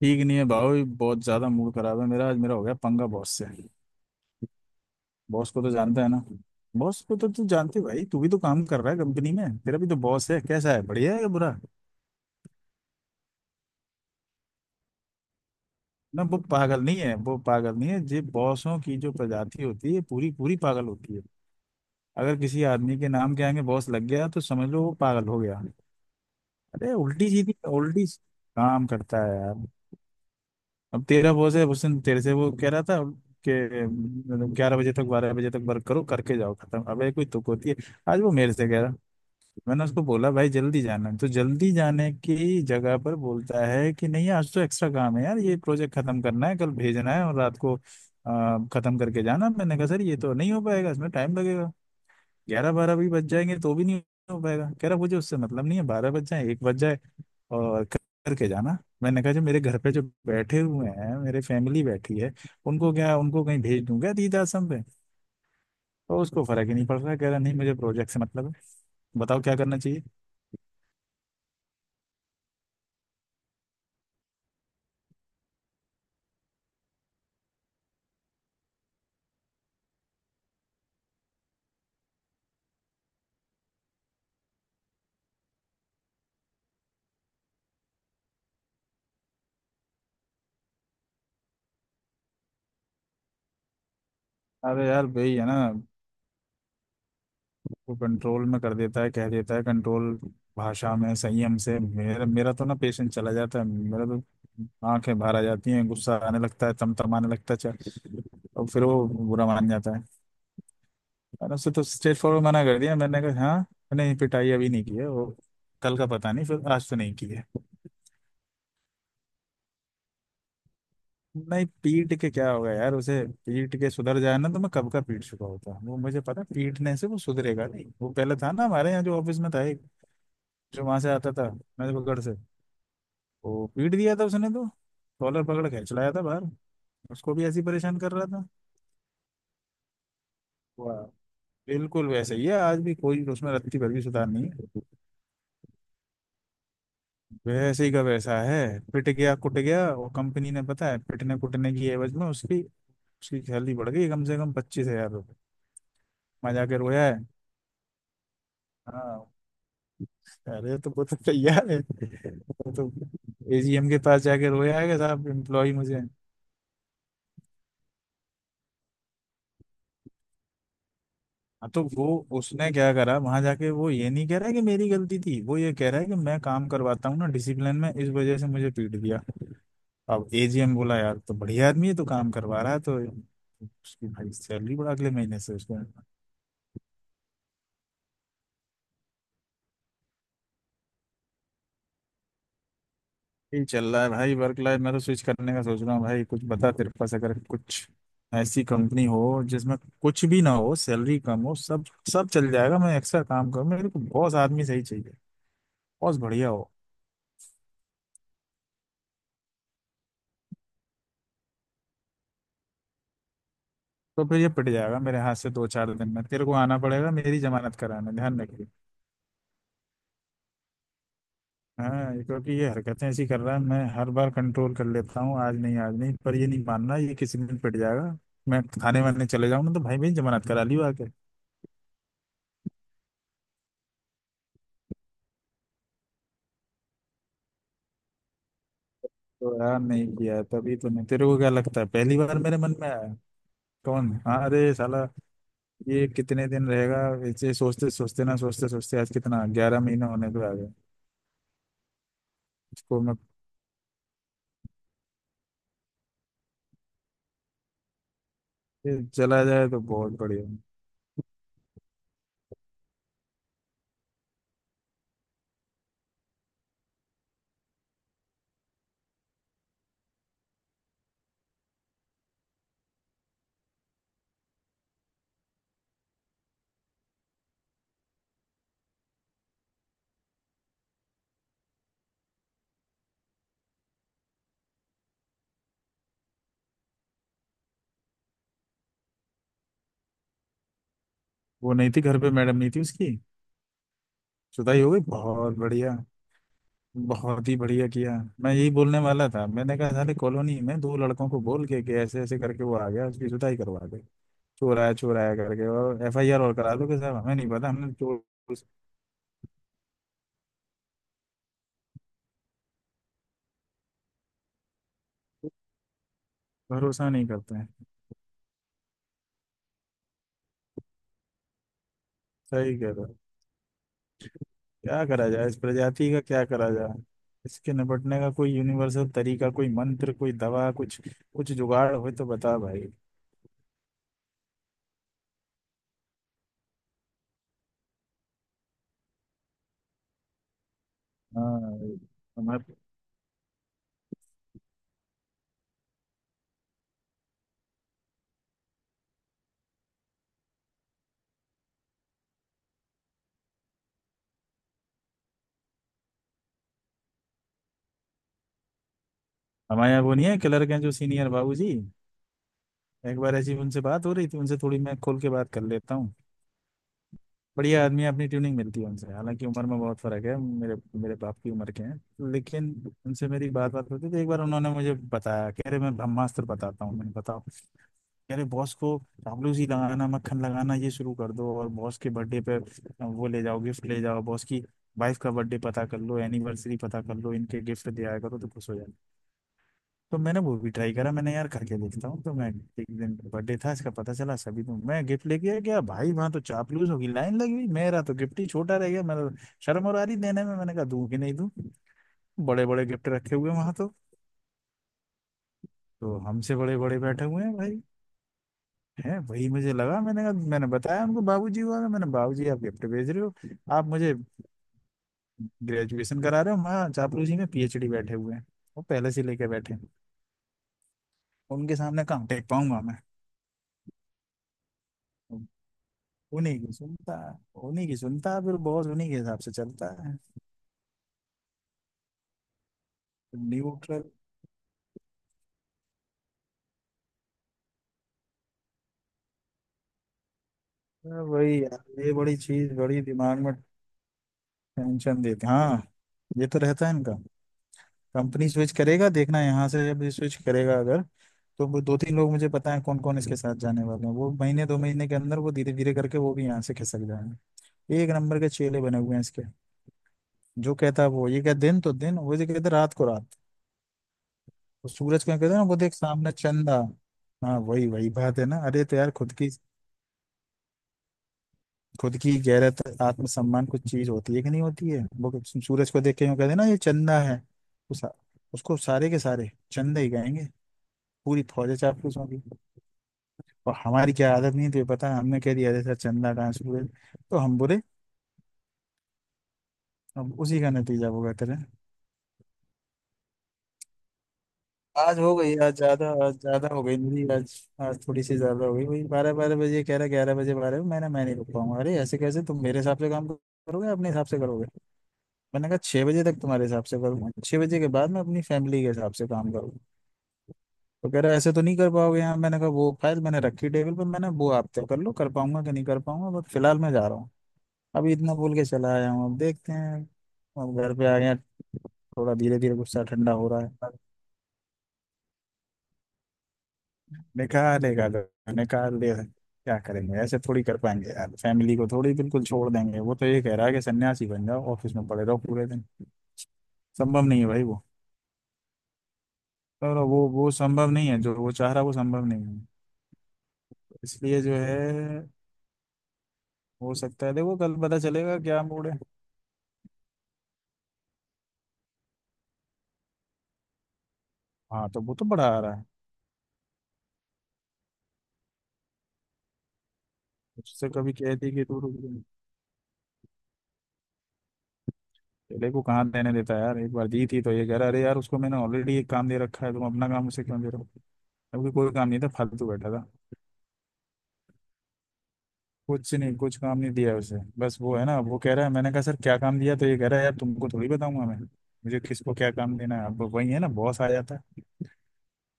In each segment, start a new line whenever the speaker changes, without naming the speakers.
ठीक नहीं है भाई। बहुत ज्यादा मूड खराब है मेरा। आज मेरा हो गया पंगा बॉस से। बॉस को तो जानता है ना बॉस को तो तू जानती है भाई। तू भी तो काम कर रहा है कंपनी में, तेरा भी तो बॉस है। कैसा है, बढ़िया है या बुरा? ना, वो पागल नहीं है। ये बॉसों की जो प्रजाति होती है, पूरी पूरी पागल होती है। अगर किसी आदमी के नाम के आगे बॉस लग गया तो समझ लो वो पागल हो गया। अरे उल्टी सीधी उल्टी काम करता है यार। अब तेरा बॉस है, उस दिन तेरे से वो कह रहा था कि मतलब 11 बजे तक 12 बजे तक वर्क करो करके जाओ खत्म। अबे कोई तुक होती है? आज वो मेरे से कह रहा, मैंने उसको बोला भाई जल्दी जाना है, तो जल्दी जाने की जगह पर बोलता है कि नहीं आज तो एक्स्ट्रा काम है यार, ये प्रोजेक्ट खत्म करना है, कल भेजना है, और रात को खत्म करके जाना। मैंने कहा सर ये तो नहीं हो पाएगा, इसमें टाइम लगेगा। ग्यारह बारह भी बज जाएंगे तो भी नहीं हो पाएगा। कह रहा मुझे उससे मतलब नहीं है, 12 बज जाए 1 बज जाए। और करके जाना। मैंने कहा जो मेरे घर पे जो बैठे हुए हैं, मेरे फैमिली बैठी है, उनको क्या, उनको कहीं भेज दूंगा तीर्थ आश्रम पे? तो उसको फर्क ही नहीं पड़ रहा, कह रहा नहीं मुझे प्रोजेक्ट से मतलब है। बताओ क्या करना चाहिए? अरे यार भाई है ना, वो कंट्रोल में कर देता है, कह देता है कंट्रोल भाषा में संयम से। मेरा मेरा तो ना पेशेंस चला जाता है मेरा तो। आंखें बाहर आ जाती हैं, गुस्सा आने लगता है, तमतमाने लगता है, और फिर वो बुरा मान जाता है। मैंने उससे तो स्ट्रेट फॉरवर्ड मना कर दिया, मैंने कहा हाँ। नहीं, पिटाई अभी नहीं की है वो। कल का पता नहीं, फिर आज तो नहीं की है। नहीं, पीट के क्या होगा यार उसे? पीट के सुधर जाए ना तो मैं कब का पीट चुका होता। वो मुझे पता है, पीटने से वो सुधरेगा नहीं। वो पहले था ना हमारे यहाँ जो ऑफिस में था एक, जो वहां से आता था नजबगढ़ से, वो पीट दिया था उसने तो, कॉलर पकड़ के चलाया था बाहर। उसको भी ऐसी परेशान कर रहा था। वाह! बिल्कुल वैसे ही है आज भी, कोई उसमें रत्ती भर भी सुधार नहीं है। वैसे ही का वैसा है। पिट गया कुट गया वो, कंपनी ने, पता है पिटने कुटने की एवज में उसकी उसकी सैलरी बढ़ गई कम से कम 25 हजार रुपये। मजा के रोया है। हाँ। अरे तो वो तो तैयार है वो तो। एजीएम के पास जाके रोया है कि साहब एम्प्लॉय मुझे। हाँ तो वो, उसने क्या करा वहां जाके, वो ये नहीं कह रहा है कि मेरी गलती थी, वो ये कह रहा है कि मैं काम करवाता हूँ ना डिसिप्लिन में, इस वजह से मुझे पीट दिया। अब एजीएम बोला यार तो बढ़िया आदमी है तो काम करवा रहा है, तो उसकी भाई सैलरी बढ़ा अगले महीने से उसको। यही चल रहा है भाई वर्क लाइफ। मैं तो स्विच करने का सोच रहा हूँ भाई, कुछ बता तेरे पास अगर कुछ ऐसी कंपनी हो जिसमें कुछ भी ना हो, सैलरी कम हो, सब सब चल जाएगा, मैं एक्स्ट्रा काम करूँ, मेरे को बॉस आदमी सही चाहिए, बॉस बढ़िया हो। तो फिर ये पिट जाएगा मेरे हाथ से दो चार दिन में, तेरे को आना पड़ेगा मेरी जमानत कराने, ध्यान रखिए। हाँ, क्योंकि ये हरकतें ऐसी कर रहा है, मैं हर बार कंट्रोल कर लेता हूँ, आज नहीं आज नहीं, पर ये नहीं मानना, ये किसी दिन पिट जाएगा। मैं थाने वाने चले जाऊँ ना तो भाई मेरी जमानत करा लियो आके। तो यार नहीं किया है तभी तो, नहीं तेरे को क्या लगता है पहली बार मेरे मन में आया? कौन? हाँ, अरे साला ये कितने दिन रहेगा? ऐसे सोचते सोचते ना सोचते सोचते आज कितना 11 महीना होने को आ गया। इसको मैं, ये चला जाए तो बहुत बढ़िया। वो नहीं थी घर पे, मैडम नहीं थी उसकी। जुदाई हो गई, बहुत बढ़िया। बहुत ही बढ़िया किया। मैं यही बोलने वाला था, मैंने कहा साले कॉलोनी में दो लड़कों को बोल के कि ऐसे ऐसे करके वो आ गया, उसकी जुदाई करवा दे। चोर आया करके और एफआईआर और करा दो कि साहब हमें नहीं पता, हमने चोर से। भरोसा नहीं करते हैं। सही कह रहे हो। क्या करा जाए इस प्रजाति का, क्या करा जाए? इसके निपटने का कोई यूनिवर्सल तरीका, कोई मंत्र, कोई दवा, कुछ कुछ जुगाड़ हो तो बता भाई। हाँ, हमारे हमारे यहाँ वो नहीं है, क्लर्क हैं जो सीनियर बाबूजी। एक बार ऐसी उनसे बात हो रही थी, उनसे थोड़ी मैं खोल के बात कर लेता हूँ। बढ़िया आदमी है, अपनी ट्यूनिंग मिलती है उनसे, हालांकि उम्र में बहुत फर्क है। मेरे मेरे बाप की उम्र के हैं, लेकिन उनसे मेरी बात बात होती थी। एक बार उन्होंने मुझे बताया, कह रहे मैं ब्रह्मास्त्र बताता हूँ, मैंने बताओ। कह रहे बॉस को चापलूसी लगाना, मक्खन लगाना, ये शुरू कर दो, और बॉस के बर्थडे पे वो ले जाओ, गिफ्ट ले जाओ, बॉस की वाइफ का बर्थडे पता कर लो, एनिवर्सरी पता कर लो, इनके गिफ्ट दिया करो तो खुश हो जाओ। तो मैंने वो भी ट्राई करा, मैंने यार खा के देखता हूँ तो मैं, एक दिन बर्थडे था इसका पता चला सभी, तो मैं गिफ्ट लेके आ गया। भाई वहां तो चापलूस होगी लाइन लगी हुई, मेरा तो गिफ्ट ही छोटा रह गया, मेरा शर्म और आ रही देने में, मैंने कहा दूं कि नहीं दूं। बड़े बड़े गिफ्ट रखे हुए वहां तो। तो हमसे बड़े बड़े बैठे हुए हैं भाई, है वही मुझे लगा। मैंने कहा, मैंने बताया उनको, बाबूजी हुआ था, मैंने बाबूजी आप गिफ्ट भेज रहे हो, आप मुझे ग्रेजुएशन करा रहे हो, वहाँ चापलूसी में पीएचडी बैठे हुए हैं, वो पहले से लेके बैठे हैं। उनके सामने कहाँ टेक पाऊंगा? मैं उन्हीं की सुनता है उन्हीं की सुनता है, फिर बहुत उन्हीं के हिसाब से चलता है न्यूट्रल। वही यार ये बड़ी चीज, बड़ी दिमाग में टेंशन देती। हाँ, ये तो रहता है इनका। कंपनी स्विच करेगा देखना, यहाँ से जब स्विच करेगा अगर, तो वो दो तीन लोग मुझे पता है कौन कौन इसके साथ जाने वाले हैं, वो महीने दो महीने के अंदर वो धीरे धीरे करके वो भी यहाँ से खिसक जाएंगे। एक नंबर के चेले बने हुए हैं इसके। जो कहता है वो ये कहता, दिन तो दिन, वो जो कहता रात को रात। वो सूरज क्या कहता है ना, वो देख सामने चंदा। हाँ, वही वही बात है ना। अरे तो यार खुद की गैरत आत्मसम्मान कुछ चीज होती है कि नहीं होती है वो, सूरज को देख के यूं कहते हैं ना ये चंदा है। उस, उसको सारे के सारे चंदा ही गाएंगे। पूरी फौज चापलूस होगी। और हमारी क्या आदत नहीं थी पता है, हमने कह दिया अरे सर चंदा कहाँ, सूरज। तो हम बुरे, अब उसी का नतीजा वो कहते रहे। आज ज्यादा हो गई मेरी आज। आज थोड़ी सी ज्यादा हो गई। वही बारह बारह बजे कह रहा, ग्यारह बजे बारह, मैंने, मैं नहीं रुक पाऊंगा। अरे ऐसे कैसे तुम मेरे हिसाब से काम करोगे अपने हिसाब से करोगे? मैंने कहा 6 बजे तक तुम्हारे हिसाब से करूँ, 6 बजे के बाद मैं अपनी फैमिली के हिसाब से काम करूँ। तो कह रहा ऐसे तो नहीं कर पाओगे यार। मैंने कहा वो फाइल मैंने रखी टेबल पर, मैंने, वो आप तय कर लो कर पाऊंगा कि नहीं कर पाऊंगा, बट फिलहाल मैं जा रहा हूँ। अभी इतना बोल के चला आया हूँ, अब देखते हैं। अब घर पे आ गया, थोड़ा धीरे धीरे गुस्सा ठंडा हो रहा है। निकालेगा तो निकाल दे। क्या करेंगे, ऐसे थोड़ी कर पाएंगे यार फैमिली को, थोड़ी बिल्कुल छोड़ देंगे? वो तो ये कह रहा है कि सन्यासी बन जाओ, ऑफिस में पड़े रहो पूरे दिन। संभव नहीं है भाई वो, और वो संभव नहीं है, जो वो चाह रहा वो संभव नहीं है। इसलिए जो है, हो सकता है, देखो कल पता चलेगा क्या मूड है। हाँ तो वो तो बढ़ा आ रहा है। उससे कभी कहती कि तू रुक जा। चेले को कहाँ देने देता है यार? एक बार दी थी तो ये कह रहा अरे यार उसको मैंने ऑलरेडी एक काम दे रखा है, तुम अपना काम उसे क्यों दे रहे हो। अभी कोई काम नहीं था, फालतू बैठा था। कुछ नहीं, कुछ काम नहीं दिया उसे, बस वो है ना वो कह रहा है। मैंने कहा सर क्या काम दिया? तो ये कह रहा है यार तुमको थोड़ी बताऊंगा मैं मुझे किसको क्या काम देना है। अब वही है ना, बॉस आ जाता है।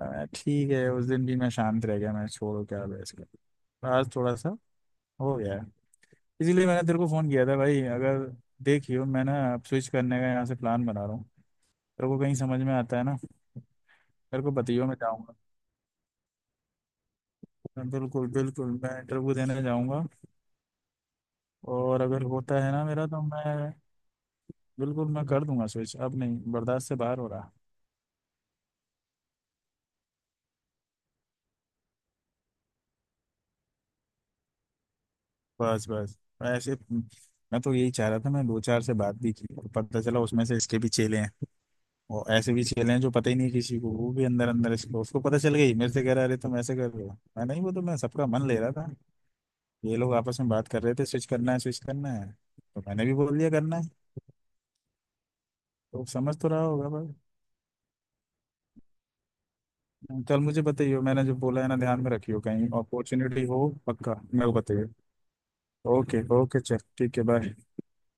ठीक है, उस दिन भी मैं शांत रह गया, मैं छोड़ो क्या बहस कर, आज थोड़ा सा हो गया है। इसीलिए मैंने तेरे को फोन किया था भाई, अगर देखियो, मैं ना अब स्विच करने का यहाँ से प्लान बना रहा हूँ, तेरे को कहीं समझ में आता है ना। तेरे को बताइयो मैं जाऊँगा, मैं बिल्कुल बिल्कुल मैं इंटरव्यू देने जाऊँगा। और अगर होता है ना मेरा, तो मैं बिल्कुल मैं कर दूंगा स्विच, अब नहीं बर्दाश्त से बाहर हो रहा। बस बस मैं ऐसे, मैं तो यही चाह रहा था, मैं दो चार से बात भी की तो पता चला उसमें से इसके भी चेले हैं। वो ऐसे भी चेले हैं जो पता ही नहीं किसी को, वो भी अंदर अंदर इसको उसको पता चल गई, मेरे से कह रहा अरे तुम ऐसे कर रहे हो। मैं नहीं, वो तो मैं सबका मन ले रहा था, ये लोग आपस में बात कर रहे थे स्विच करना है स्विच करना है, तो मैंने भी बोल दिया करना है, तो समझ तो रहा होगा भाई। कल मुझे बताइए मैंने जो बोला है ना, ध्यान में रखियो, कहीं अपॉर्चुनिटी हो पक्का मेरे को बताइए। ओके ओके चल ठीक है बाय।